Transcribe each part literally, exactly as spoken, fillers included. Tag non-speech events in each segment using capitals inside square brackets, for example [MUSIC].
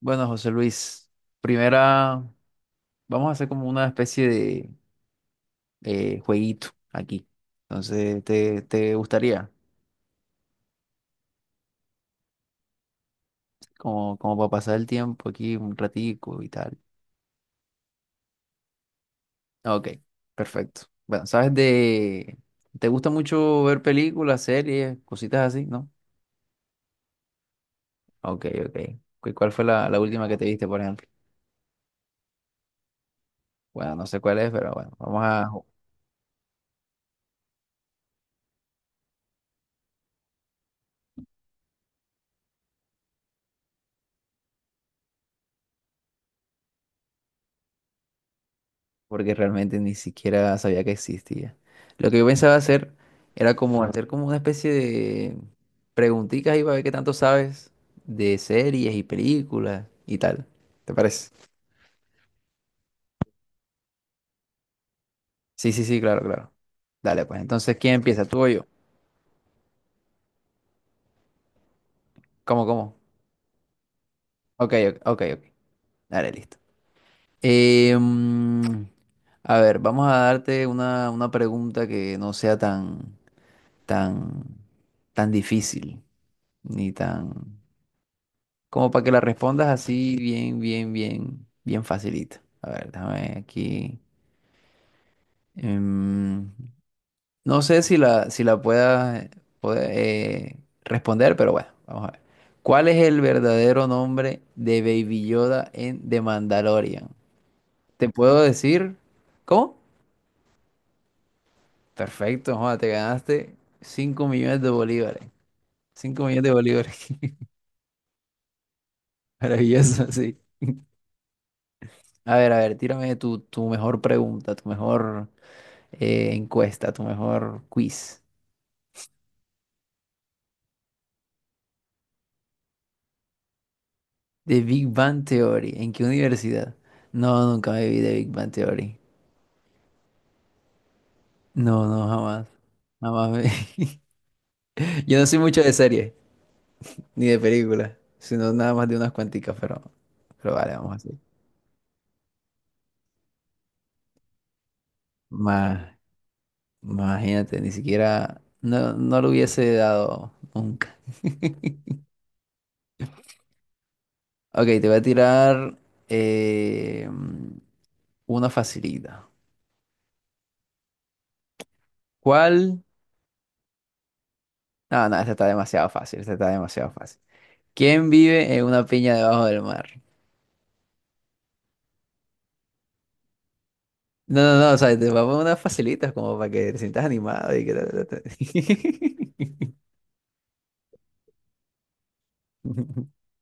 Bueno, José Luis, primera, vamos a hacer como una especie de eh, jueguito aquí. Entonces, ¿te, te gustaría? Como, como para pasar el tiempo aquí un ratico y tal. Ok, perfecto. Bueno, ¿sabes de... ¿Te gusta mucho ver películas, series, cositas así, no? Ok, ok. ¿Cu- ¿Cuál fue la, la última que te viste, por ejemplo? Bueno, no sé cuál es, pero bueno, vamos a... porque realmente ni siquiera sabía que existía. Lo que yo pensaba hacer era como hacer como una especie de preguntitas y para ver qué tanto sabes de series y películas y tal. ¿Te parece? Sí, sí, sí, claro, claro. Dale, pues entonces, ¿quién empieza? ¿Tú o yo? ¿Cómo, cómo? Ok, ok, ok. Ok. Dale, listo. Eh, mm, a ver, vamos a darte una, una pregunta que no sea tan, tan, tan difícil, ni tan... Como para que la respondas así bien, bien, bien, bien facilito. A ver, déjame aquí. em, no sé si la, si la pueda, puede, eh, responder, pero bueno, vamos a ver. ¿Cuál es el verdadero nombre de Baby Yoda en The Mandalorian? ¿Te puedo decir? ¿Cómo? Perfecto, joda, te ganaste cinco millones de bolívares. Cinco millones de bolívares. [LAUGHS] Maravilloso, sí. A ver, a ver, tírame tu, tu mejor pregunta, tu mejor... Eh, encuesta, tu mejor quiz. The Big Bang Theory. ¿En qué universidad? No, nunca me vi de Big Bang Theory. No, no, jamás. Jamás me... [LAUGHS] Yo no soy mucho de series, ni de películas, sino nada más de unas cuanticas, pero, pero vale, vamos así. Hacer. Ma- imagínate, ni siquiera... No, no lo hubiese dado nunca. [LAUGHS] Ok, te voy a tirar eh, una facilita. ¿Cuál? No, no, esta está demasiado fácil, esta está demasiado fácil. ¿Quién vive en una piña debajo del mar? No, no, no, o sea, te voy a poner unas facilitas como para que te sientas animado y que... ta, ta, ta. [LAUGHS]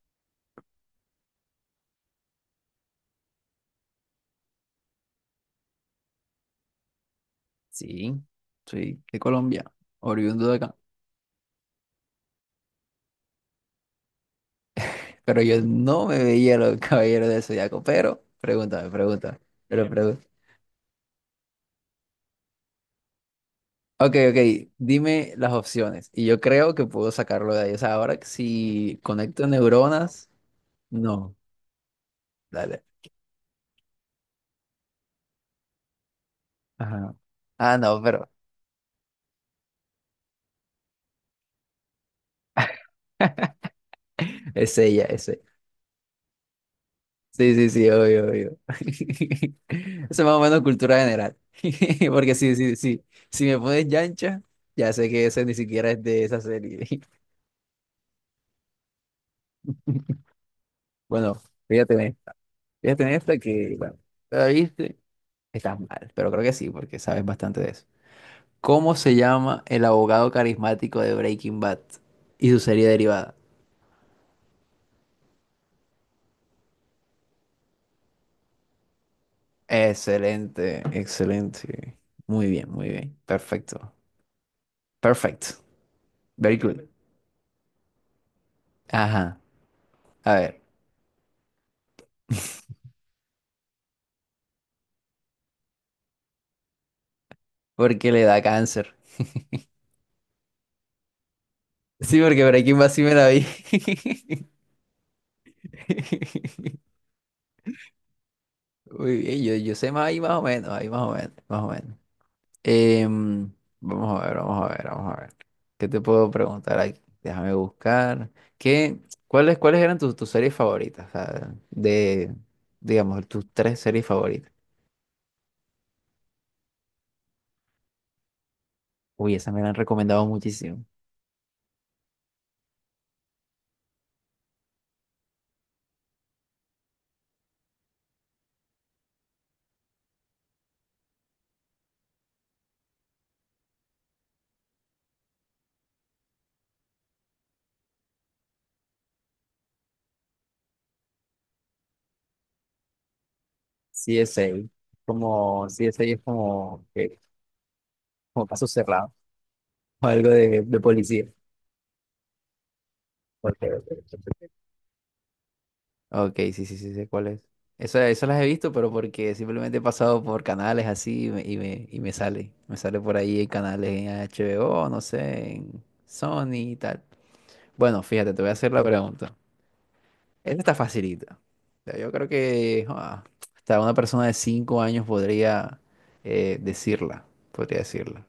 Sí, soy de Colombia, oriundo de acá. Pero yo no me veía los caballeros del Zodiaco, pero pregúntame, pregúntame, pero pregúntame. Ok, ok, dime las opciones y yo creo que puedo sacarlo de ahí. O sea, ahora que si conecto neuronas, no, dale. Ajá. Ah, no, pero [LAUGHS] es ella, es ella. Sí, sí, sí, obvio, obvio. [LAUGHS] Eso es más o menos cultura general. [LAUGHS] Porque sí, sí, sí. Si me pones Yancha, ya sé que ese ni siquiera es de esa serie. [LAUGHS] Bueno, fíjate en esta. Fíjate en esta que, bueno, la viste, estás mal, pero creo que sí, porque sabes bastante de eso. ¿Cómo se llama el abogado carismático de Breaking Bad y su serie derivada? Excelente, excelente. Muy bien, muy bien. Perfecto. Perfecto. Very good. Ajá. A ver. Porque le da cáncer. Sí, porque por aquí más sí me la vi. [LAUGHS] Muy bien, yo, yo sé más ahí más o menos, ahí más o menos, más o menos. Em, vamos a ver, vamos a ver, vamos a ver. ¿Qué te puedo preguntar aquí? Déjame buscar. ¿Qué, cuáles, cuáles eran tus, tus series favoritas? O sea, de, digamos, tus tres series favoritas. Uy, esas me la han recomendado muchísimo. C S A. Como C S I es como, que- como caso cerrado. O algo de, de policía. Ok, ok. Ok. Ok, sí, sí, sí, sé cuál es. Eso, eso las he visto, pero porque simplemente he pasado por canales así y me, y me, y me sale. Me sale por ahí en canales en H B O, no sé, en Sony y tal. Bueno, fíjate, te voy a hacer la pregunta. Esta está facilita. O sea, yo creo que ah, hasta una persona de cinco años podría eh, decirla, podría decirla.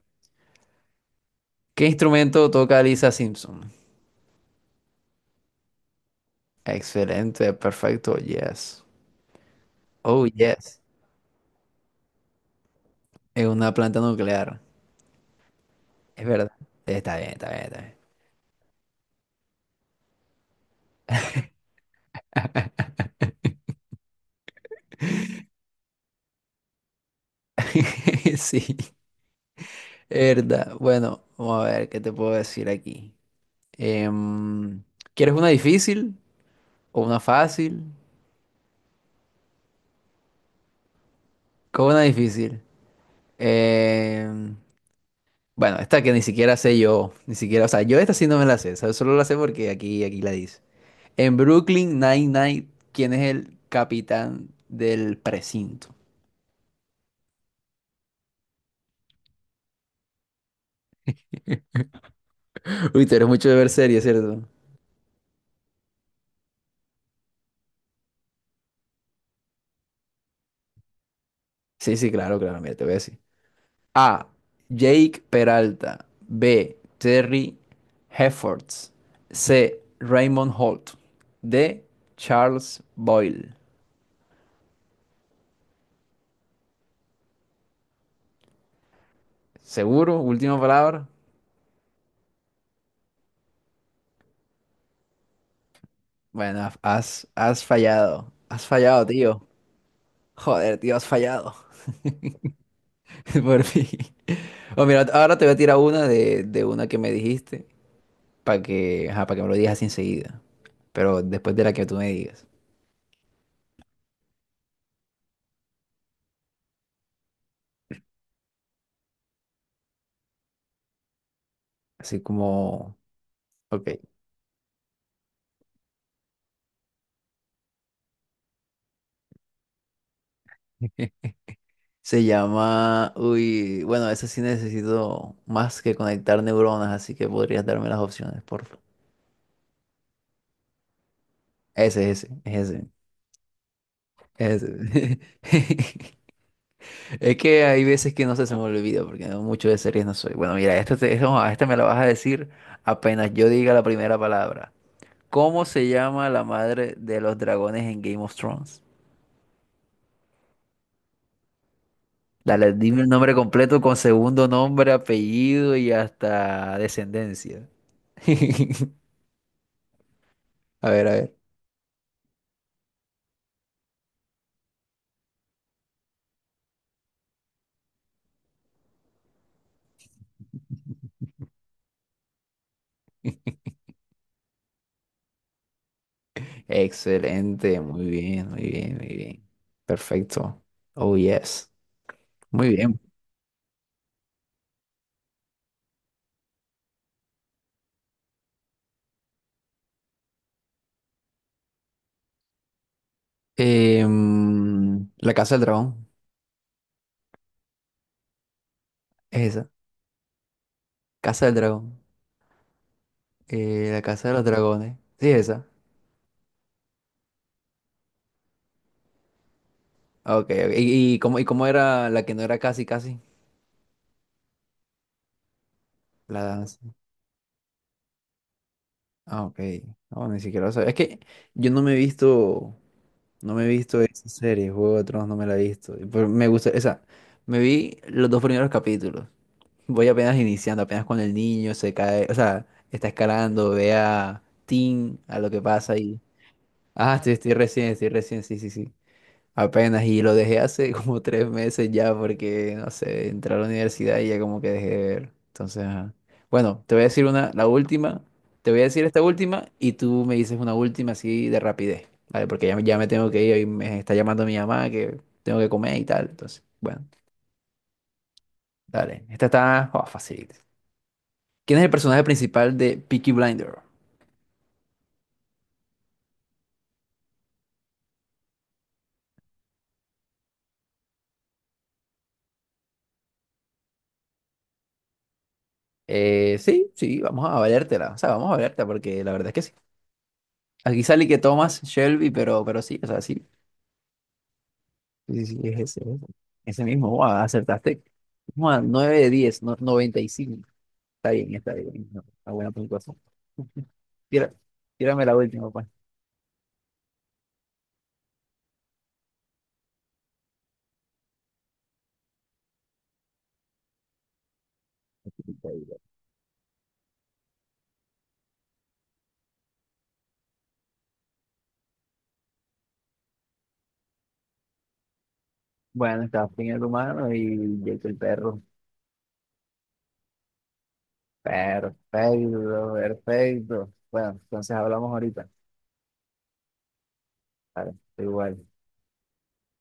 ¿Qué instrumento toca Lisa Simpson? Excelente, perfecto, yes. Oh, yes. Es una planta nuclear. Es verdad. Está bien, está bien, está bien. [LAUGHS] Sí, es verdad. Bueno, vamos a ver qué te puedo decir aquí. Em, ¿quieres una difícil o una fácil? ¿Cómo una difícil? Em, bueno, esta que ni siquiera sé yo, ni siquiera, o sea, yo esta sí no me la sé, ¿sabes? Solo la sé porque aquí, aquí la dice. En Brooklyn Nine-Nine, ¿quién es el capitán del precinto? Uy, tú eres mucho de ver series, ¿cierto? Sí, sí, claro, claro, mira, te voy a decir. A. Jake Peralta. B. Terry Heffords. C. Raymond Holt. D. Charles Boyle. ¿Seguro? Última palabra. Bueno, has, has fallado. Has fallado, tío. Joder, tío, has fallado. [LAUGHS] Por fin. Oh, mira, ahora te voy a tirar una de, de una que me dijiste para que, ajá, para que me lo digas así enseguida. Pero después de la que tú me digas. Así como... Ok. Se llama, uy, bueno, ese sí necesito más que conectar neuronas, así que podrías darme las opciones, por favor. Ese, ese, es ese, es ese. [LAUGHS] Es que hay veces que no sé, se me olvida, porque no- mucho de series no soy. Bueno, mira, esta, te- esta, no, esta me la vas a decir apenas yo diga la primera palabra. ¿Cómo se llama la madre de los dragones en Game of Thrones? Dale, dime el nombre completo con segundo nombre, apellido y hasta descendencia. [LAUGHS] A ver, a ver. Excelente, muy bien, muy bien, muy bien. Perfecto. Oh, yes. Muy bien. Em, la Casa del Dragón, es esa. Casa del Dragón. Eh, la Casa de los Dragones. Sí, es esa. Ah, Ok, ok. ¿Y, y cómo, y cómo era la que no era casi, casi? La danza. Ah, ok. No, ni siquiera lo sabía. Es que yo no me he visto, no me he visto esa serie, Juego de Tronos, no me la he visto. Pero me gusta, esa. Me vi los dos primeros capítulos. Voy apenas iniciando, apenas cuando el niño se cae, o sea, está escalando, ve a Tim, a lo que pasa ahí. Ah, estoy, estoy recién, estoy recién, sí, sí, sí. Apenas, y lo dejé hace [LAUGHS] como tres meses ya porque, no sé, entré a la universidad y ya como que dejé de ver. Entonces, ajá. Bueno, te voy a decir una, la última, te voy a decir esta última y tú me dices una última así de rapidez, ¿vale? Porque ya, me- ya me tengo que ir y me está llamando mi mamá que tengo que comer y tal. Entonces, bueno, dale. Esta está, oh, fácil. ¿Quién es el personaje principal de Peaky Blinder? Eh, sí, sí, vamos a valértela. O sea, vamos a valértela porque la verdad es que sí. Aquí sale que Thomas Shelby, pero, pero sí, o sea, sí. Sí, sí, sí, es ese, es ese. Ese mismo. Guau, acertaste. Guau, nueve de diez, no, noventa y cinco. Está bien, está bien. No, una buena puntuación. [LAUGHS] Tira- tírame la última, pues. Bueno, está fin el humano y Jake el perro. Perfecto, perfecto. Bueno, entonces hablamos ahorita. Vale, igual.